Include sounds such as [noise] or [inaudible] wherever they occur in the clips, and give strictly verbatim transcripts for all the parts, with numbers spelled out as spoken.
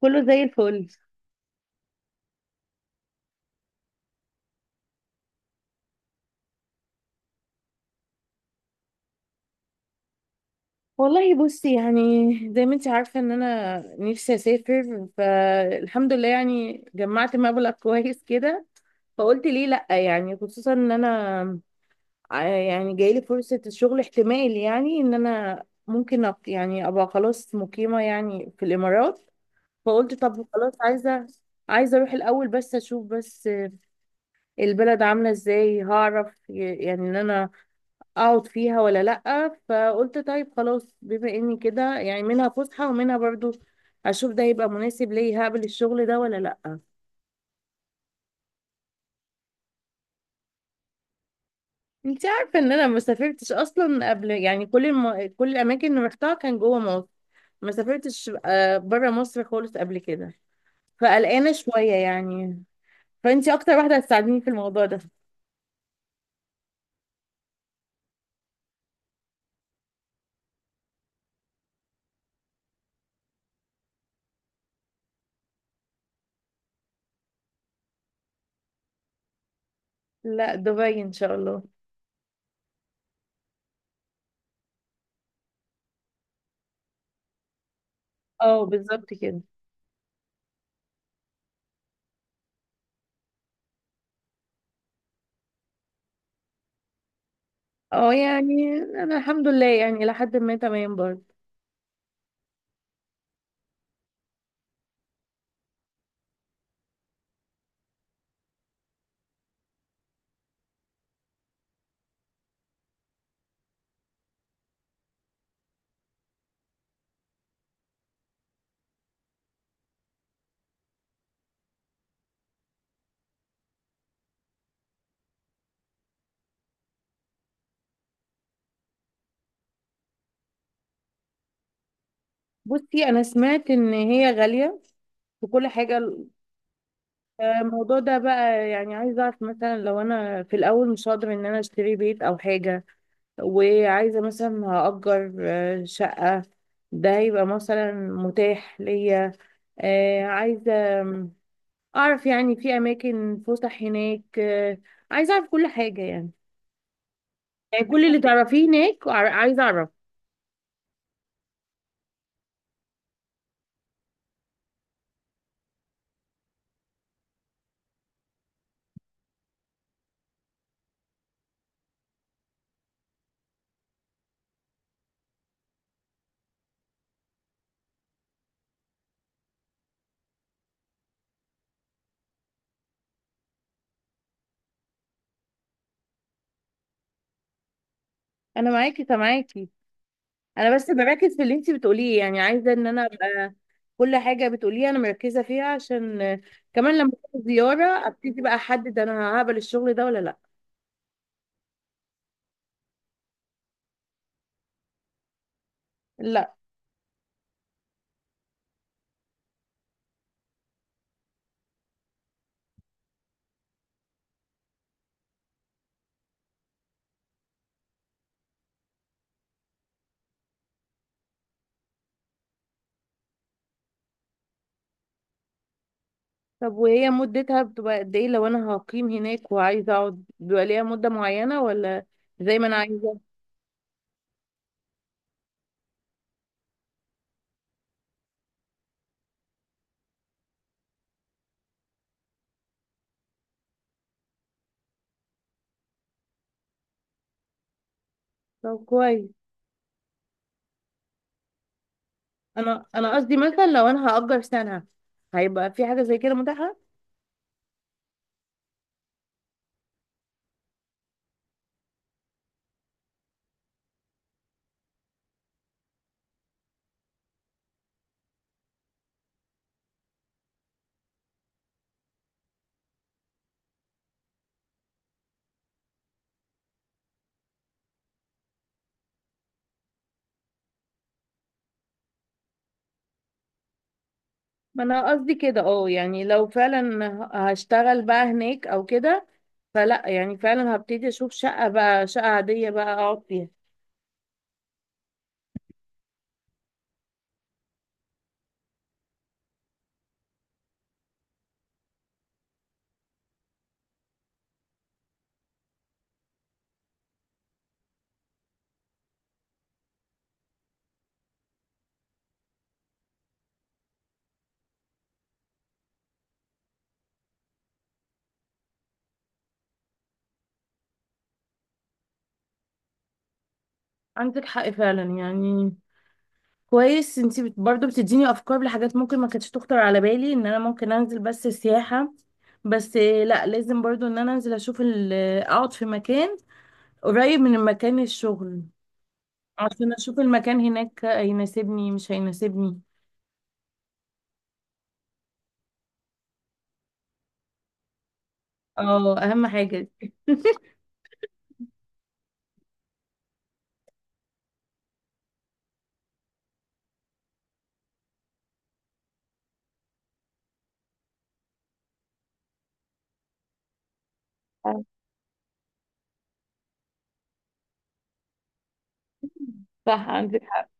كله زي الفل. والله بصي، يعني زي ما انت عارفة ان انا نفسي اسافر، فالحمد لله يعني جمعت مبلغ [laughs] كويس كده. فقلت ليه لأ، يعني خصوصا ان انا ع- يعني جايلي فرصة الشغل، احتمال يعني ان انا ممكن أق- يعني ابقى خلاص مقيمة يعني في الامارات. فقلت طب خلاص، عايزة عايزة اروح الاول بس اشوف بس البلد عاملة ازاي، هعرف ي- يعني ان انا اقعد فيها ولا لأ. فقلت طيب خلاص، بما اني كده يعني منها فسحة ومنها برضو اشوف ده يبقى مناسب ليا، هقبل الشغل ده ولا لأ. انت عارفة ان انا ما سافرتش اصلا قبل، يعني كل الم... كل الاماكن اللي رحتها كان جوه مصر. ما سافرتش آه، بره مصر خالص قبل كده، فقلقانة شوية يعني. فانت اكتر واحدة هتساعديني في الموضوع ده. لا، دبي ان شاء الله. اه بالظبط كده. اه يعني انا الحمد لله يعني لحد ما تمام برضه. بصي، انا سمعت ان هي غالية في كل حاجة. الموضوع ده بقى يعني عايزة اعرف، مثلا لو انا في الاول مش هقدر ان انا اشتري بيت او حاجة وعايزة مثلا هأجر آه، شقة، ده هيبقى مثلا متاح ليا؟ آه، عايزة اعرف يعني في اماكن فسح هناك. آه، عايزة اعرف كل حاجة يعني، يعني كل اللي تعرفيه هناك وع- عايزة اعرف. انا معاكي سامعاكي. انا بس بركز في اللي انتي بتقوليه، يعني عايزة ان انا ابقى كل حاجة بتقوليها أنا مركزة فيها، عشان آه، كمان لما أروح زيارة أبتدي بقى أحدد أنا هقبل الشغل ده ولا لأ. لأ. طب وهي مدتها بتبقى قد إيه؟ لو أنا هقيم هناك وعايزة أقعد بيبقى ليها مدة معينة ولا زي ما أنا عايزة؟ طب كويس. أنا أنا قصدي مثلا لو أنا هأجر سنة، هيبقى في حاجة زي كده متاحة؟ ما أنا قصدي كده، أه يعني لو فعلا ه- هشتغل بقى هناك أو كده، فلأ يعني فعلا هبتدي أشوف شقة بقى، شقة عادية بقى أقعد فيها. عندك حق فعلا يعني. كويس، انتي بت- برضو بتديني افكار لحاجات ممكن ما كانتش تخطر على بالي، ان انا ممكن انزل بس سياحة، بس آه، لا لازم برضو ان انا انزل اشوف ال- اقعد في مكان قريب من مكان الشغل عشان اشوف المكان هناك هيناسبني مش هيناسبني. اه اهم حاجة دي. صح، عندك حق.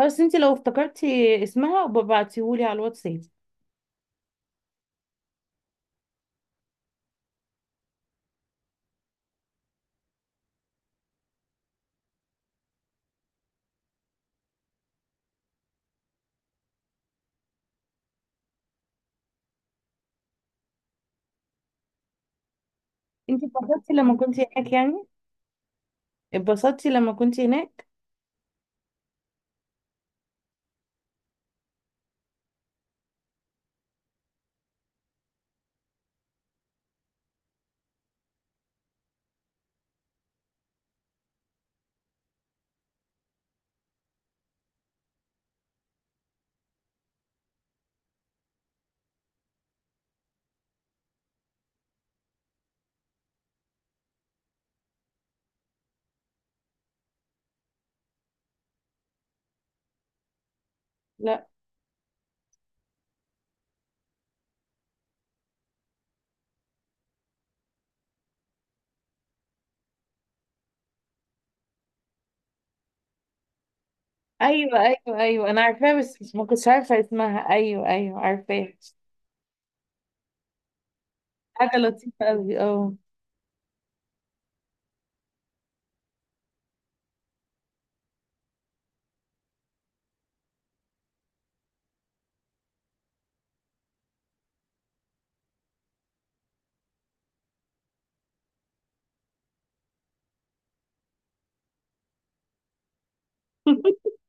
بس انتي لو افتكرتي اسمها وببعتيهولي على الواتساب. انتي اتبسطتي لما كنتي هناك يعني؟ اتبسطتي لما كنتي هناك؟ لا. ايوه ايوه ايوه انا عارفاها، بس مش- ما كنتش عارفه اسمها، ايوه ايوه عارفاها. حاجة لطيفة قوي، اه [laughs]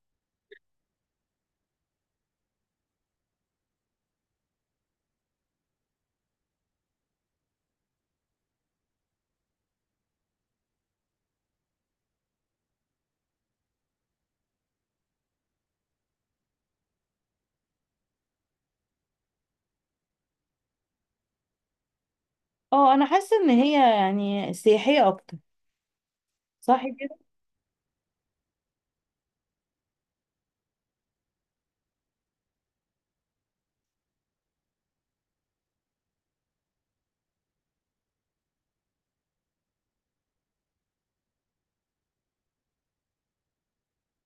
اه انا حاسة ان هي يعني سياحية اكتر. صح كده.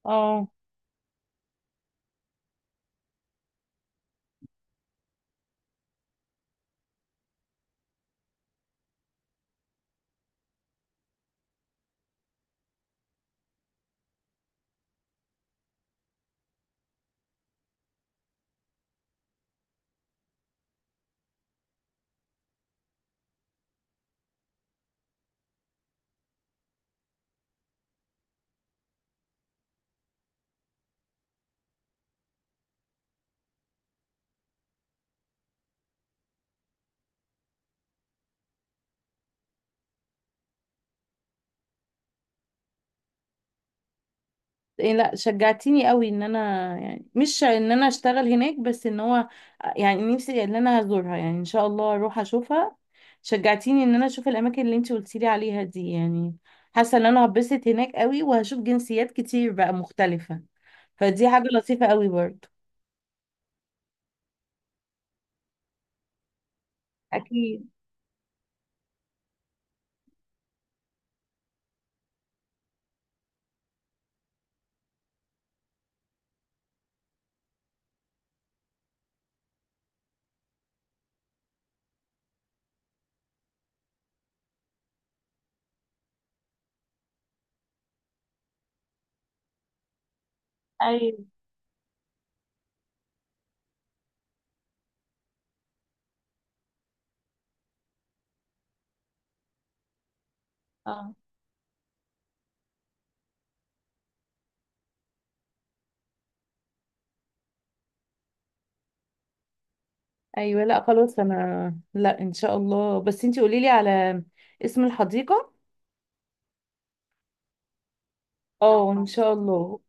اه، إيه لا شجعتيني قوي، ان انا يعني مش ان انا اشتغل هناك، بس ان هو يعني نفسي ان انا هزورها، يعني ان شاء الله اروح اشوفها. شجعتيني ان انا اشوف الاماكن اللي انتي قلتيلي عليها دي يعني. حاسة ان انا هتبسط هناك قوي، وهشوف جنسيات كتير بقى مختلفة، فدي حاجة لطيفة قوي برضو. أكيد. أيوة. ايوه لا خلاص، انا لا ان شاء الله، بس انتي قولي لي على اسم الحديقه. اه ان شاء الله.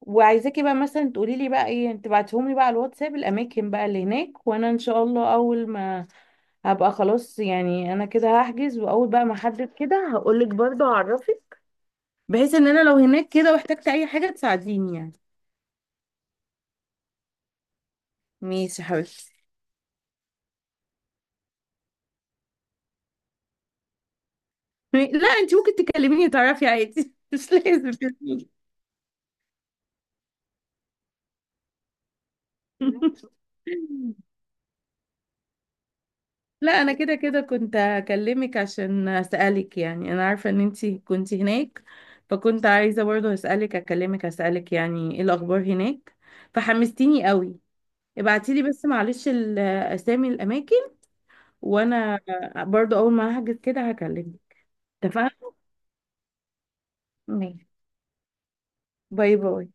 وعايزاكي بقى مثلا تقولي لي بقى، ايه تبعتيهم لي بقى على الواتساب الاماكن بقى اللي هناك، وانا ان شاء الله اول ما هبقى خلاص يعني انا كده هحجز، واول بقى ما احدد كده هقول لك برضه، هعرفك بحيث ان انا لو هناك كده واحتجت اي حاجه تساعديني يعني. ماشي يا حبيبتي. لا انتي ممكن تكلميني تعرفي عادي [laughs] مش لازم [laughs] لا انا كده كده كنت هكلمك عشان اسالك، يعني انا عارفه ان انتي كنت هناك، فكنت عايزه برضه اسالك اكلمك اسالك يعني ايه الاخبار هناك، فحمستيني قوي. ابعتيلي بس معلش ال- اسامي الاماكن، وانا برضه اول ما هحجز كده هكلمك. اتفقنا. ماشي. باي باي.